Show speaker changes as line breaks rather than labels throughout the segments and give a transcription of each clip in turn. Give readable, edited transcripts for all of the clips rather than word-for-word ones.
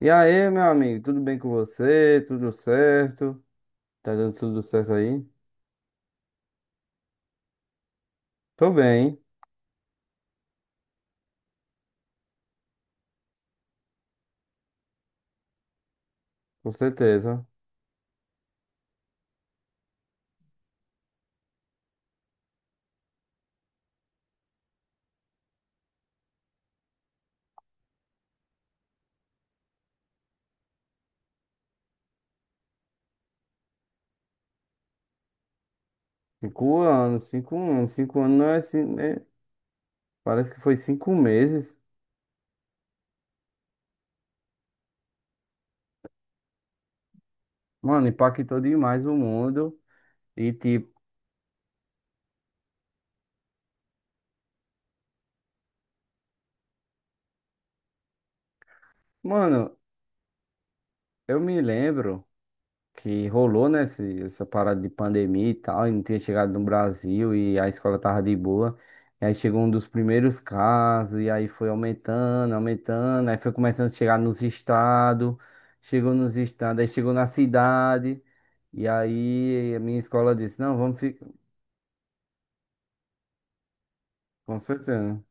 E aí, meu amigo, tudo bem com você? Tudo certo? Tá dando tudo certo aí? Tô bem, com certeza. Cinco anos, cinco anos, cinco anos não é assim, né? Parece que foi cinco meses. Mano, impactou demais o mundo. E tipo, mano, eu me lembro que rolou, né? Essa parada de pandemia e tal, e não tinha chegado no Brasil e a escola tava de boa. E aí chegou um dos primeiros casos, e aí foi aumentando, aumentando, aí foi começando a chegar nos estados, chegou nos estados, aí chegou na cidade, e aí a minha escola disse, não, vamos ficar, com certeza. Né?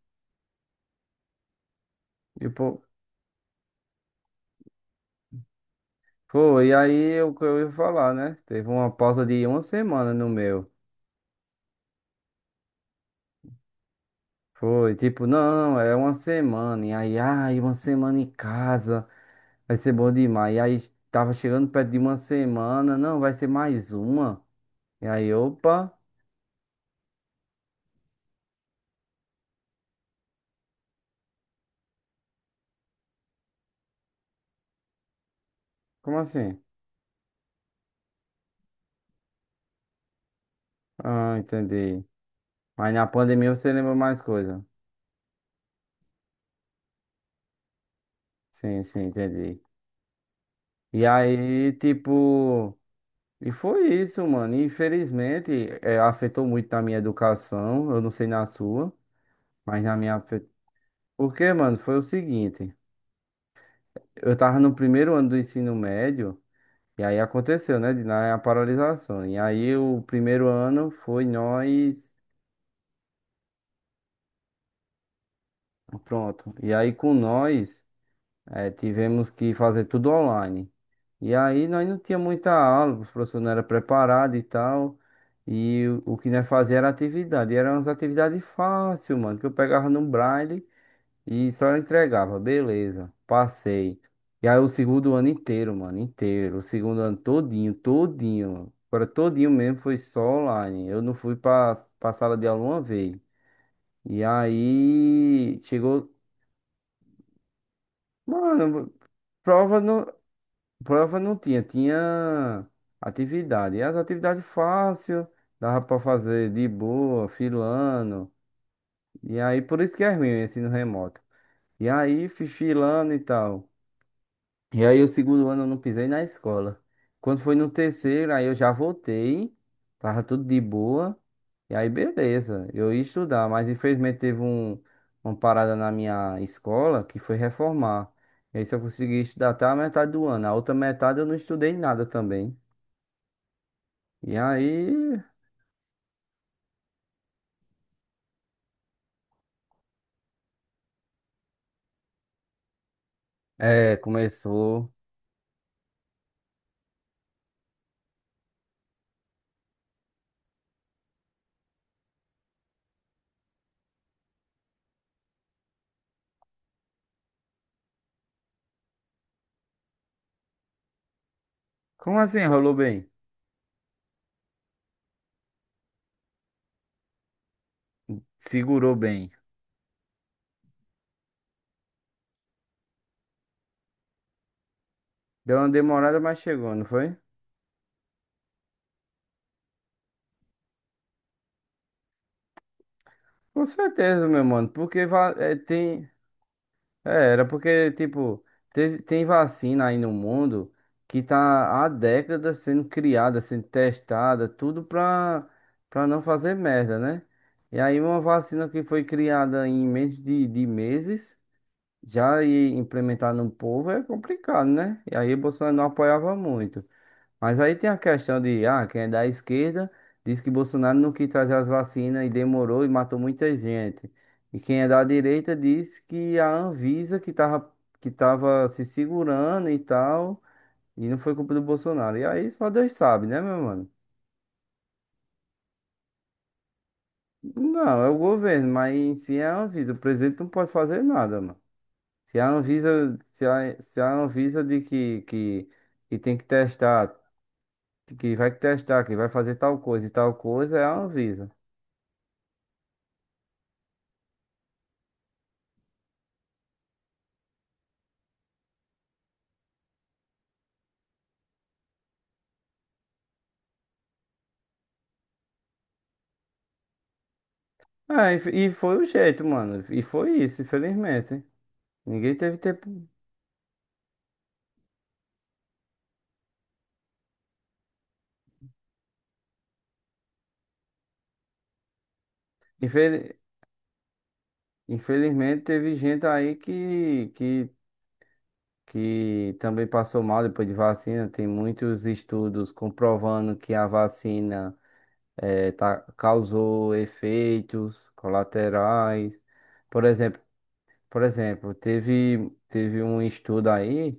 E pô, foi, e aí o que eu ia falar, né? Teve uma pausa de uma semana no meu. Foi, tipo, não, é uma semana, e aí, ai, uma semana em casa. Vai ser bom demais. E aí tava chegando perto de uma semana. Não, vai ser mais uma. E aí, opa, como assim? Ah, entendi. Mas na pandemia você lembra mais coisa. Sim, sim, entendi. E aí, tipo. E foi isso, mano. E, infelizmente, afetou muito na minha educação. Eu não sei na sua, mas na minha. Porque, mano, foi o seguinte. Eu tava no primeiro ano do ensino médio. E aí aconteceu, né? A paralisação. E aí o primeiro ano foi nós. Pronto. E aí com nós tivemos que fazer tudo online. E aí nós não tinha muita aula, os professores não eram preparados e tal. E o que nós fazia era atividade. E eram umas atividades fáceis, mano, que eu pegava no Braille e só entregava, beleza. Passei. E aí o segundo ano inteiro, mano, inteiro. O segundo ano todinho, todinho. Agora todinho mesmo foi só online. Eu não fui pra, pra sala de aula uma vez. E aí chegou. Mano, prova não, prova não tinha, tinha atividade. E as atividades fácil, dava pra fazer de boa, filando. E aí por isso que é ruim o ensino remoto. E aí fui filando e tal. E aí, o segundo ano eu não pisei na escola. Quando foi no terceiro, aí eu já voltei, tava tudo de boa. E aí, beleza, eu ia estudar, mas infelizmente teve um, uma parada na minha escola que foi reformar. E aí, só consegui estudar até a metade do ano. A outra metade eu não estudei nada também. E aí, é, começou. Como assim? Rolou bem? Segurou bem. Deu uma demorada, mas chegou, não foi? Com certeza, meu mano, porque é, tem. É, era porque, tipo, tem vacina aí no mundo que tá há décadas sendo criada, sendo testada, tudo pra, pra não fazer merda, né? E aí uma vacina que foi criada em menos de meses, já ir implementar no povo é complicado, né? E aí Bolsonaro não apoiava muito. Mas aí tem a questão de, ah, quem é da esquerda diz que Bolsonaro não quis trazer as vacinas e demorou e matou muita gente. E quem é da direita diz que a Anvisa que tava se segurando e tal, e não foi culpa do Bolsonaro. E aí só Deus sabe, né, meu mano? Não, é o governo, mas em si é a Anvisa. O presidente não pode fazer nada, mano. Se a Anvisa, se a Anvisa de que tem que testar, que vai fazer tal coisa e tal coisa, é a Anvisa. Ah, e e foi o jeito, mano. E foi isso, infelizmente. Ninguém teve tempo. infeli- Infelizmente, teve gente aí que também passou mal depois de vacina. Tem muitos estudos comprovando que a vacina causou efeitos colaterais. Por exemplo, por exemplo, teve, teve um estudo aí,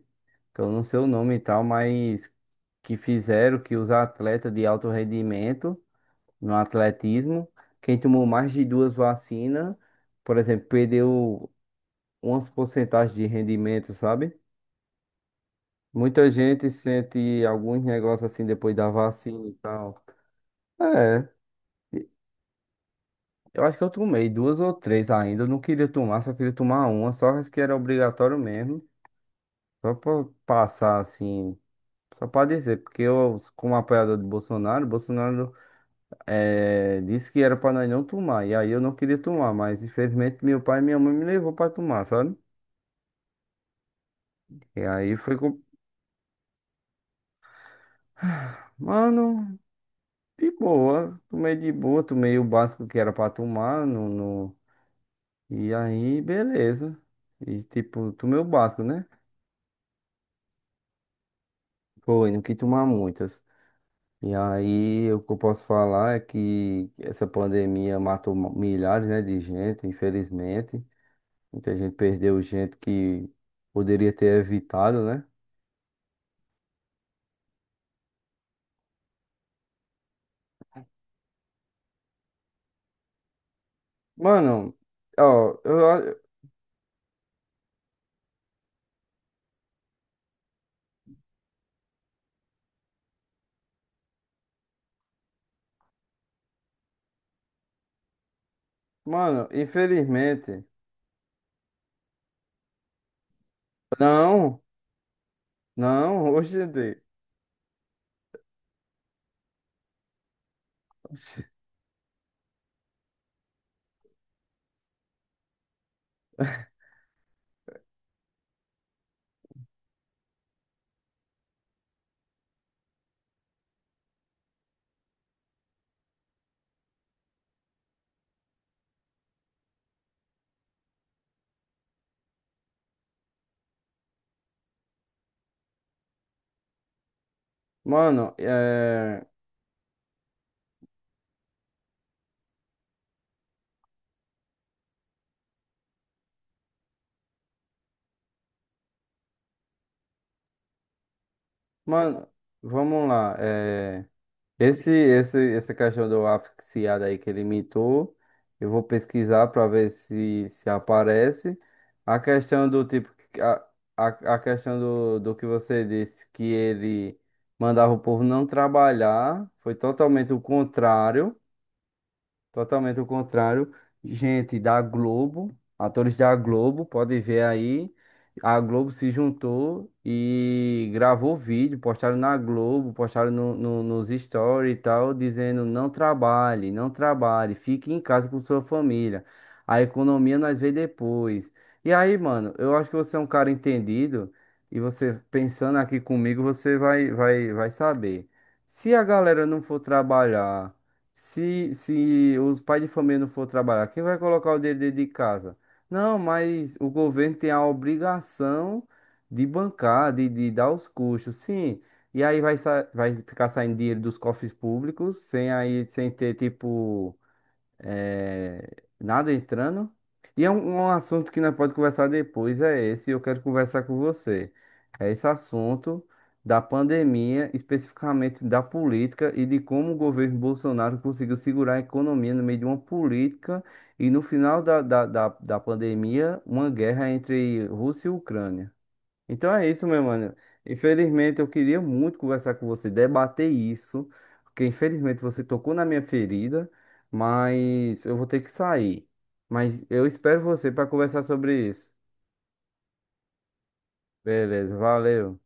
que eu não sei o nome e tal, mas que fizeram que os atletas de alto rendimento. No atletismo. Quem tomou mais de duas vacinas, por exemplo, perdeu umas porcentagens de rendimento, sabe? Muita gente sente alguns negócios assim depois da vacina e tal. É, eu acho que eu tomei duas ou três ainda. Eu não queria tomar, só queria tomar uma, só que era obrigatório mesmo. Só pra passar assim, só pra dizer, porque eu, como apoiador de Bolsonaro, Bolsonaro. É, disse que era pra nós não tomar. E aí eu não queria tomar, mas infelizmente meu pai e minha mãe me levou pra tomar, sabe? E aí foi com. Mano, de boa. Tomei de boa, tomei o básico que era pra tomar. No, no... E aí, beleza. E tipo, tomei o básico, né? Foi, não quis tomar muitas. E aí, o que eu posso falar é que essa pandemia matou milhares, né, de gente, infelizmente. Muita gente perdeu gente que poderia ter evitado, né? Mano, ó, eu, a- mano, infelizmente, não, não, hoje, em dia. Mano, é, mano, vamos lá, é, essa questão do asfixiado aí que ele imitou, eu vou pesquisar pra ver se, se aparece, a questão do tipo, a, a, a questão do, do que você disse, que ele mandava o povo não trabalhar, foi totalmente o contrário, totalmente o contrário. Gente da Globo, atores da Globo, pode ver aí. A Globo se juntou e gravou vídeo, postaram na Globo, postaram no, nos stories e tal, dizendo não trabalhe, não trabalhe, fique em casa com sua família. A economia nós vê depois. E aí, mano, eu acho que você é um cara entendido e você pensando aqui comigo, você vai saber. Se a galera não for trabalhar se, se os pais de família não for trabalhar, quem vai colocar o dinheiro dentro de casa? Não, mas o governo tem a obrigação de bancar, de dar os custos, sim. E aí vai, vai ficar saindo dinheiro dos cofres públicos, sem aí, sem ter tipo é, nada entrando. E é um, um assunto que nós pode conversar depois, é esse, eu quero conversar com você. É esse assunto da pandemia, especificamente da política e de como o governo Bolsonaro conseguiu segurar a economia no meio de uma política e no final da pandemia, uma guerra entre Rússia e Ucrânia. Então é isso, meu mano. Infelizmente, eu queria muito conversar com você, debater isso, porque infelizmente você tocou na minha ferida, mas eu vou ter que sair. Mas eu espero você para conversar sobre isso. Beleza, valeu.